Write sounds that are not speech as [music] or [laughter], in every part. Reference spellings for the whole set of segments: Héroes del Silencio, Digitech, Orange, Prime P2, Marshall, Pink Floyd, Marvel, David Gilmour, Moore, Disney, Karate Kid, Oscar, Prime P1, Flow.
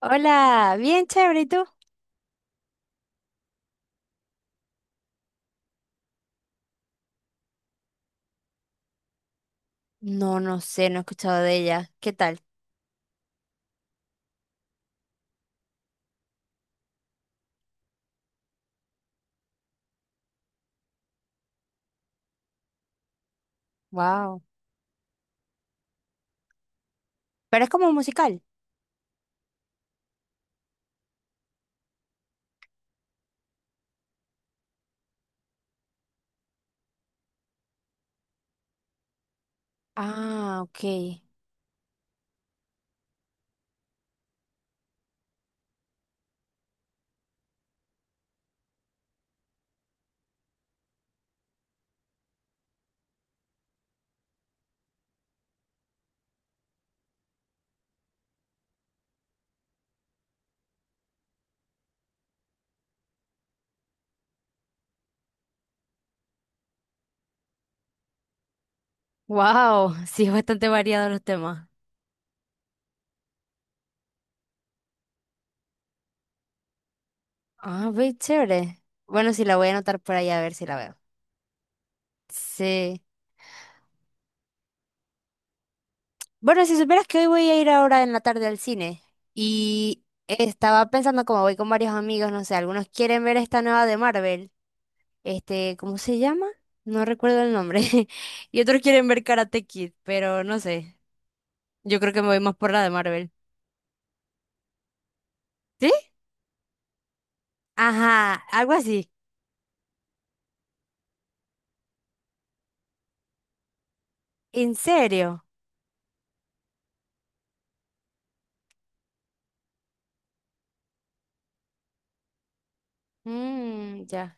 Hola, bien chévere, ¿y tú? No, no sé, no he escuchado de ella. ¿Qué tal? Wow. Pero es como un musical. Ah, ok. Wow, [laughs] sí, es bastante variado los temas. Ah, ve, chévere. Bueno, sí, la voy a anotar por ahí a ver si la veo. Sí. Bueno, si supieras que hoy voy a ir ahora en la tarde al cine y estaba pensando como voy con varios amigos, no sé, algunos quieren ver esta nueva de Marvel. Este, ¿cómo se llama? No recuerdo el nombre. [laughs] Y otros quieren ver Karate Kid, pero no sé. Yo creo que me voy más por la de Marvel. ¿Sí? Ajá, algo así. ¿En serio? Mm, ya.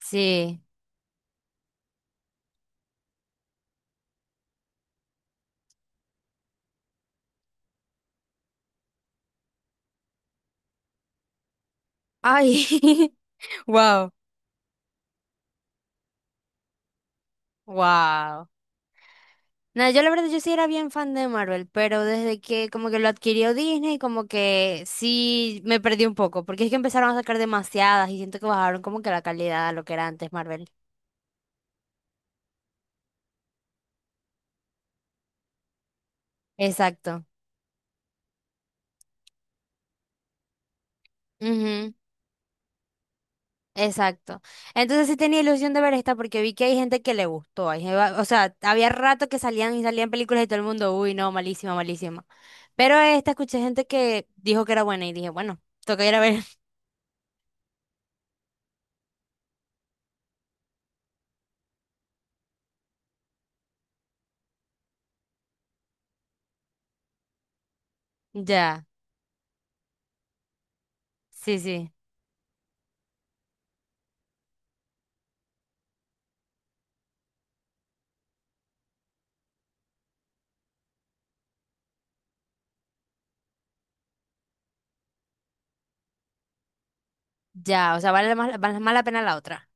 Sí. Ay, [laughs] wow. Wow. No, yo la verdad yo sí era bien fan de Marvel, pero desde que como que lo adquirió Disney, como que sí me perdí un poco, porque es que empezaron a sacar demasiadas y siento que bajaron como que la calidad a lo que era antes Marvel. Exacto. Ujú. Exacto. Entonces sí tenía ilusión de ver esta porque vi que hay gente que le gustó. O sea, había rato que salían y salían películas y todo el mundo, uy, no, malísima, malísima. Pero esta escuché gente que dijo que era buena y dije, bueno, toca ir a ver. [laughs] Ya, sí, sí. Ya, o sea, vale más la pena la otra.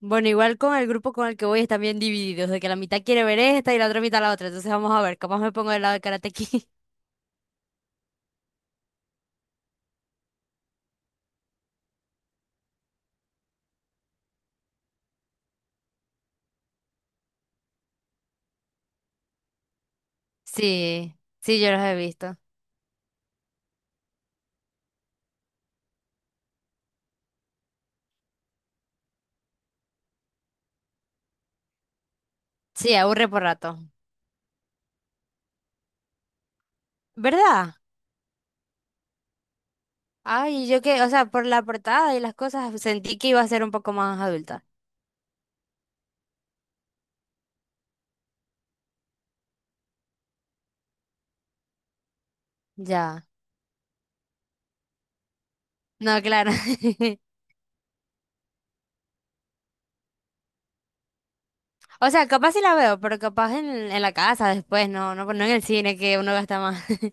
Bueno, igual con el grupo con el que voy están bien divididos, de que la mitad quiere ver esta y la otra mitad la otra. Entonces vamos a ver, capaz me pongo del lado de Karate Kid. [laughs] Sí, sí, yo los he visto. Sí, aburre por rato. ¿Verdad? Ay, yo que, o sea, por la portada y las cosas sentí que iba a ser un poco más adulta. Ya. No, claro. [laughs] O sea, capaz sí la veo, pero capaz en la casa después, no en el cine que uno gasta más. [laughs]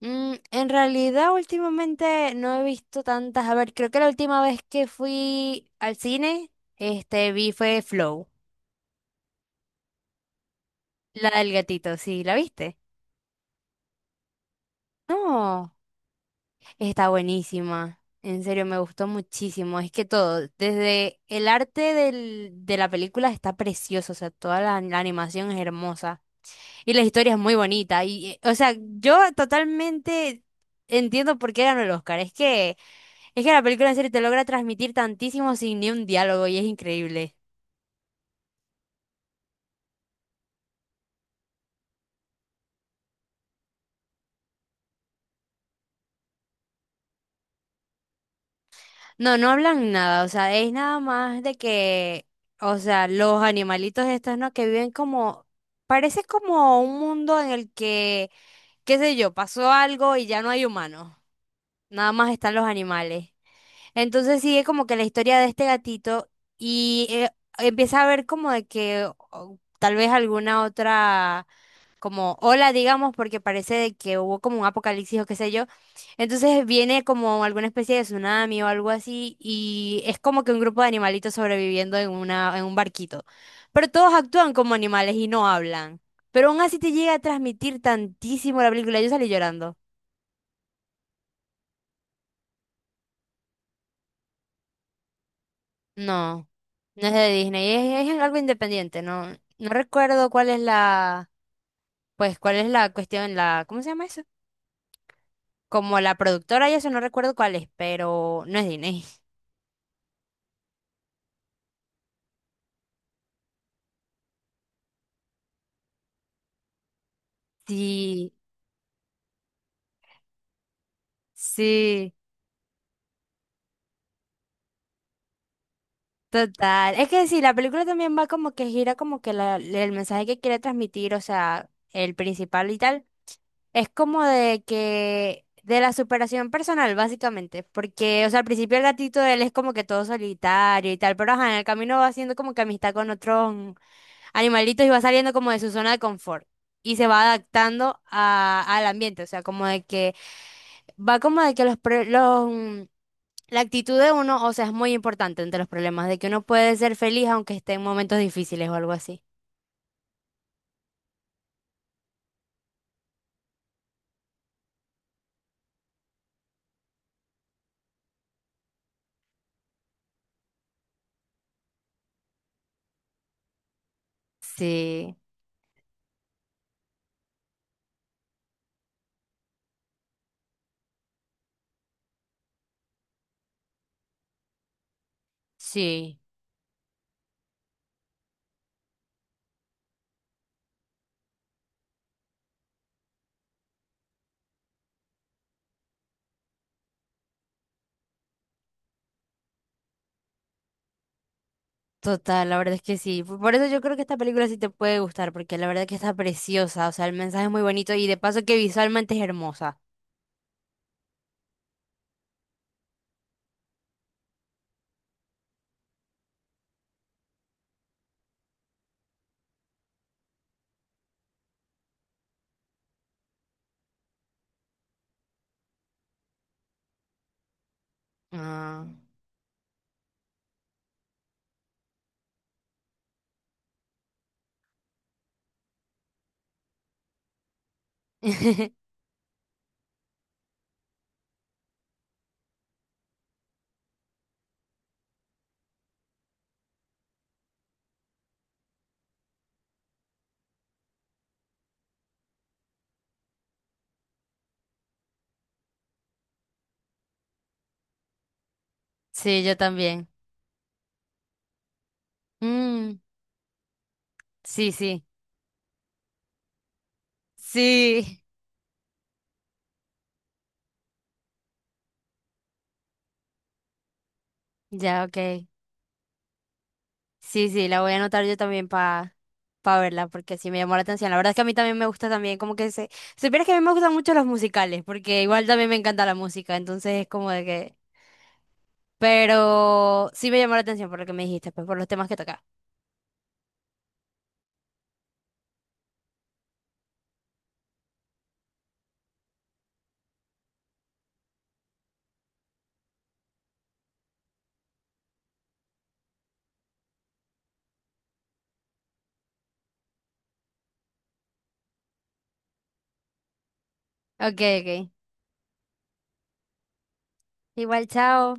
Mm, en realidad últimamente no he visto tantas. A ver, creo que la última vez que fui al cine, vi fue Flow, la del gatito, ¿sí? ¿La viste? No. Está buenísima. En serio, me gustó muchísimo. Es que todo, desde el arte de la película está precioso, o sea, toda la animación es hermosa y la historia es muy bonita. Y, o sea, yo totalmente entiendo por qué ganó el Oscar. Es que la película en serio te logra transmitir tantísimo sin ni un diálogo y es increíble. No, no hablan nada, o sea, es nada más de que, o sea, los animalitos estos, ¿no? Que viven como, parece como un mundo en el que qué sé yo, pasó algo y ya no hay humanos, nada más están los animales. Entonces sigue como que la historia de este gatito y empieza a ver como de que tal vez alguna otra como ola, digamos, porque parece de que hubo como un apocalipsis o qué sé yo. Entonces viene como alguna especie de tsunami o algo así y es como que un grupo de animalitos sobreviviendo en en un barquito. Pero todos actúan como animales y no hablan. Pero aún así te llega a transmitir tantísimo la película. Yo salí llorando. No, no es de Disney, es algo independiente, no, no recuerdo cuál es pues cuál es la cuestión, la, ¿cómo se llama eso? Como la productora y eso no recuerdo cuál es, pero no es Disney. [laughs] Sí, sí, total. Es que sí, la película también va como que gira como que el mensaje que quiere transmitir, o sea, el principal y tal. Es como de que, de la superación personal, básicamente, porque, o sea, al principio el gatito de él es como que todo solitario y tal, pero ajá, en el camino va haciendo como que amistad con otros animalitos y va saliendo como de su zona de confort y se va adaptando al ambiente, o sea, como de que, va como de que los, pre- los, mm, la actitud de uno, o sea, es muy importante entre los problemas, de que uno puede ser feliz aunque esté en momentos difíciles o algo así. Sí, sí. Total, la verdad es que sí. Por eso yo creo que esta película sí te puede gustar, porque la verdad que está preciosa, o sea, el mensaje es muy bonito y de paso que visualmente es hermosa. Ah, [laughs] Sí, yo también. Mm, sí, sí. Sí. [laughs] Ya, ok. Sí, sí, la voy a anotar yo también para pa verla, porque sí me llamó la atención. La verdad es que a mí también me gusta también, como que se... Si supieras que a mí me gustan mucho los musicales, porque igual también me encanta la música, entonces es como de que... Pero sí me llamó la atención por lo que me dijiste, pues por los temas que toca. Ok, ok. Igual, chao.